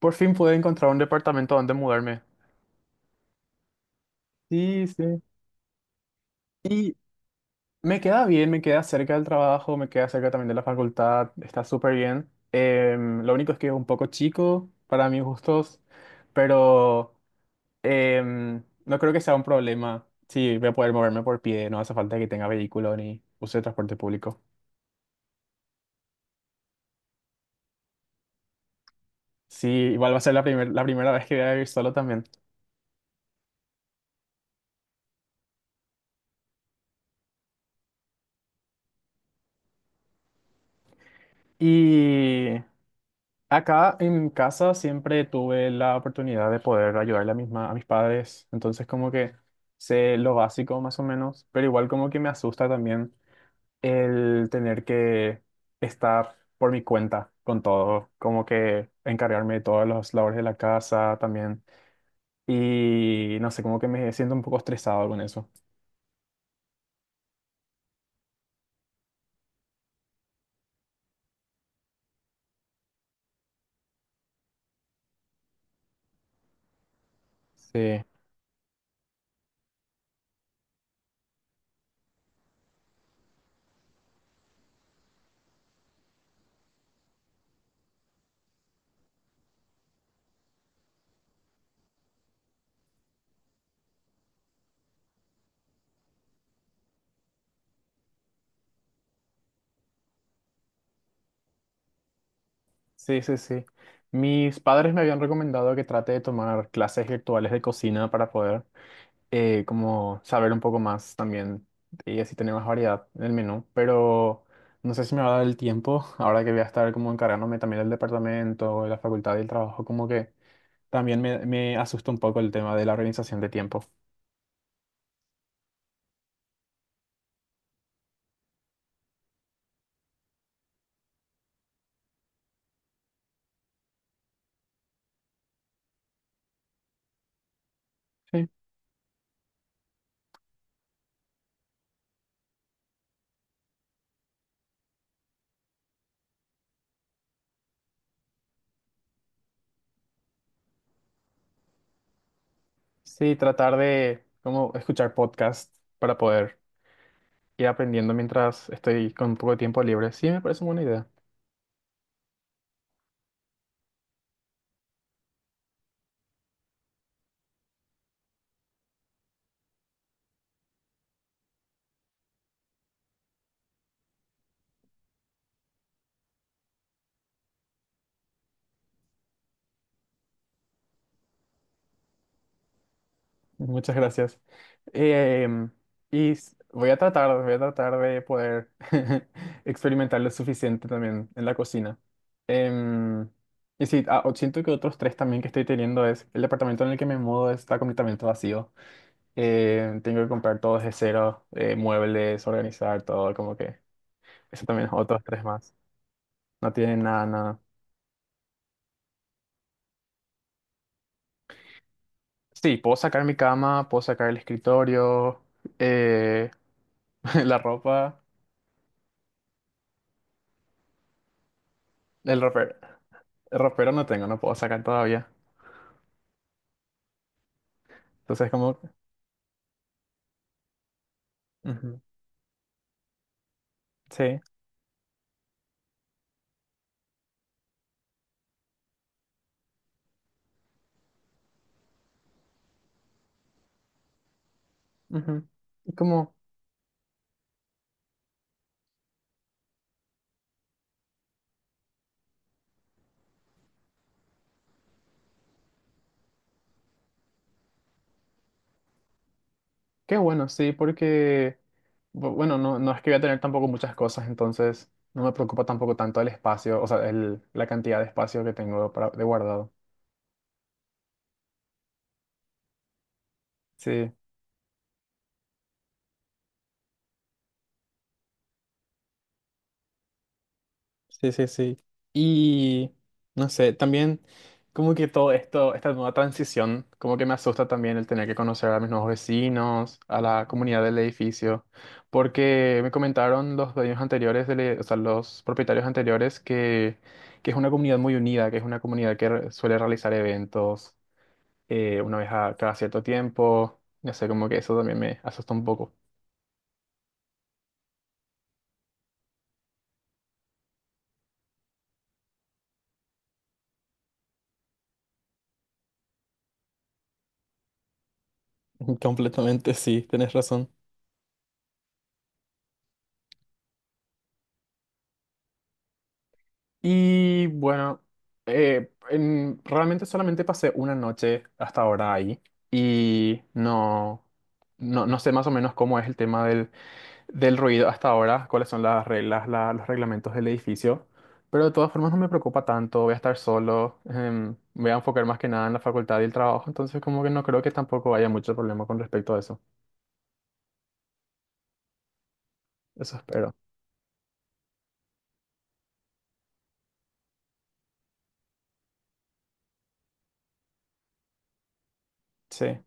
Por fin pude encontrar un departamento donde mudarme. Sí, sí. Y me queda bien, me queda cerca del trabajo, me queda cerca también de la facultad, está súper bien. Lo único es que es un poco chico para mis gustos, pero no creo que sea un problema. Sí, voy a poder moverme por pie, no hace falta que tenga vehículo ni use transporte público. Sí, igual va a ser la la primera vez que voy a vivir solo también. Y Acá en mi casa siempre tuve la oportunidad de poder ayudarle a mis, a mis padres, entonces como que sé lo básico más o menos, pero igual como que me asusta también el tener que estar por mi cuenta con todo, como que encargarme de todas las labores de la casa también y no sé, como que me siento un poco estresado con eso. Sí, sí, sí, sí. Mis padres me habían recomendado que trate de tomar clases virtuales de cocina para poder. Como saber un poco más también y así tener más variedad en el menú, pero no sé si me va a dar el tiempo, ahora que voy a estar como encargándome también del departamento, de la facultad y el trabajo, como que también me asusta un poco el tema de la organización de tiempo. Sí. Sí, tratar de como escuchar podcast para poder ir aprendiendo mientras estoy con un poco de tiempo libre. Sí, me parece una buena idea. Muchas gracias. Em, y voy a tratar de poder experimentar lo suficiente también en la cocina. Em, y sí, ah, siento que otros tres también que estoy teniendo es el departamento en el que me mudo está completamente vacío. Tengo que comprar todo desde cero, muebles, organizar todo, como que eso también es otros tres más. No tiene nada, nada. Sí, puedo sacar mi cama, puedo sacar el escritorio, eh, la ropa, el ropero. Ropero no tengo, no puedo sacar todavía. Entonces, como, ujú, sí, ujú. Y como, qué bueno, sí, porque, bueno, no, no es que voy a tener tampoco muchas cosas, entonces no me preocupa tampoco tanto el espacio, o sea, la cantidad de espacio que tengo para, de guardado. Sí. Sí, sí, sí. Y no sé, también como que todo esto, esta nueva transición, como que me asusta también el tener que conocer a mis nuevos vecinos, a la comunidad del edificio, porque me comentaron los dueños anteriores, o sea, los propietarios anteriores, que es una comunidad muy unida, que es una comunidad que suele realizar eventos una vez a cada cierto tiempo. No sé, como que eso también me asusta un poco. Completamente, sí, tenés razón. Y bueno, realmente solamente pasé una noche hasta ahora ahí y no, no, no sé más o menos cómo es el tema del, del ruido hasta ahora, cuáles son las reglas, los reglamentos del edificio, pero de todas formas no me preocupa tanto, voy a estar solo, me voy a enfocar más que nada en la facultad y el trabajo, entonces como que no creo que tampoco haya mucho problema con respecto a eso, eso espero. Sí.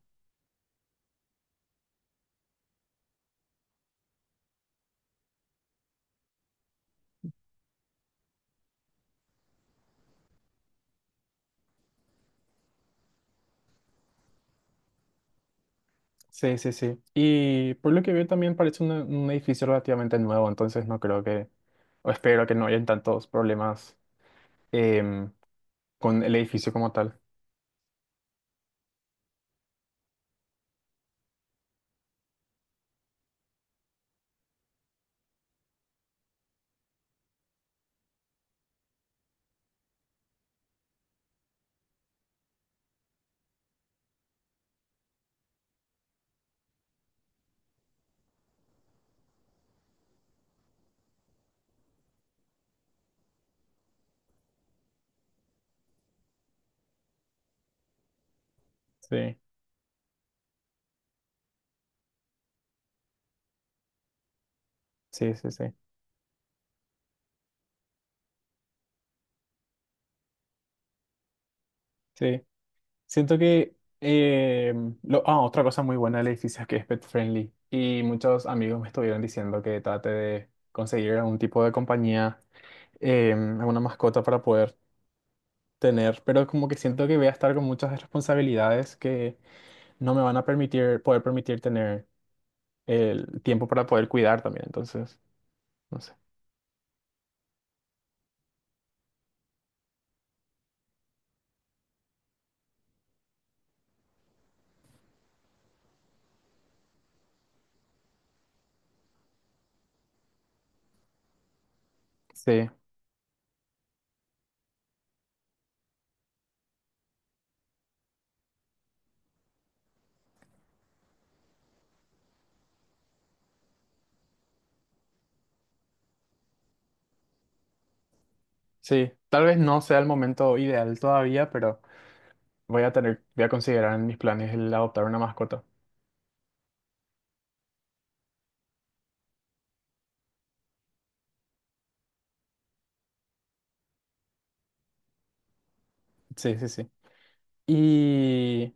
Sí, sí, sí. Y por lo que veo también parece un edificio relativamente nuevo, entonces no creo que, o espero que no hayan tantos problemas em, con el edificio como tal. Sí, sí, sí, sí. Sí. Siento que lo, ah, otra cosa muy buena del edificio es que es pet friendly. Y muchos amigos me estuvieron diciendo que trate de conseguir algún tipo de compañía, alguna mascota para poder tener, pero como que siento que voy a estar con muchas responsabilidades que no me van a permitir, poder permitir tener el tiempo para poder cuidar también. Entonces, no sé. Sí, sí. Tal vez no sea el momento ideal todavía, pero voy a tener, voy a considerar en mis planes el adoptar una mascota. Sí, sí, sí. Y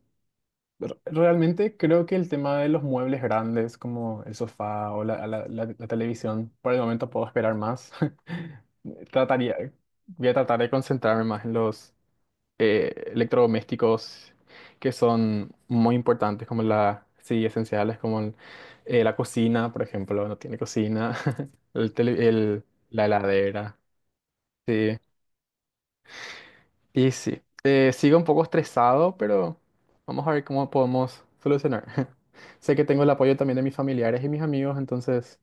realmente creo que el tema de los muebles grandes, como el sofá o la televisión, por el momento puedo esperar más. Trataría, voy a tratar de concentrarme más en los electrodomésticos que son muy importantes, como la, sí, esenciales, como la cocina, por ejemplo, no tiene cocina, el tele- el- la heladera, sí. Y sí, sigo un poco estresado, pero vamos a ver cómo podemos solucionar. Sé que tengo el apoyo también de mis familiares y mis amigos, entonces,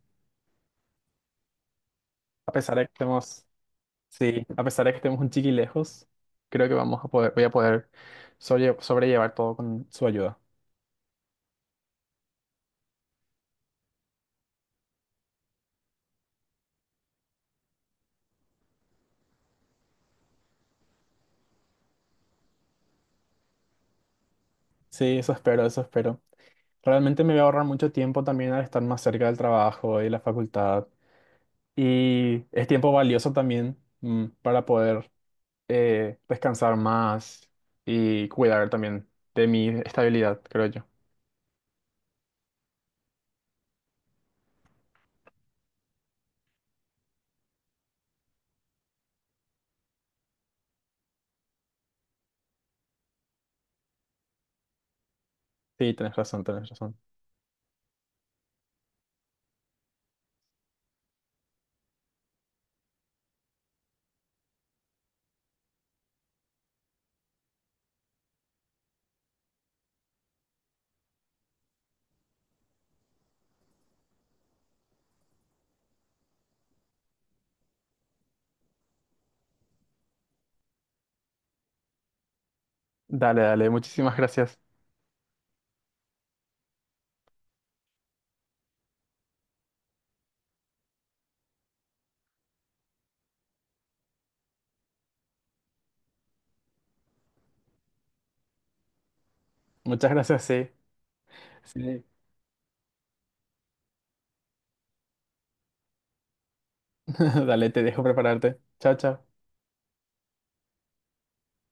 a pesar de que estemos, sí, a pesar de que estemos un chiqui lejos, creo que vamos a poder, voy a poder sobrellevar todo con su ayuda. Sí, eso espero, eso espero. Realmente me voy a ahorrar mucho tiempo también al estar más cerca del trabajo y la facultad. Y es tiempo valioso también para poder descansar más y cuidar también de mi estabilidad, creo yo. Sí, tenés razón, tenés razón. Dale, dale, muchísimas gracias. Muchas gracias, sí. Sí. Dale, te dejo prepararte. Chao, chao.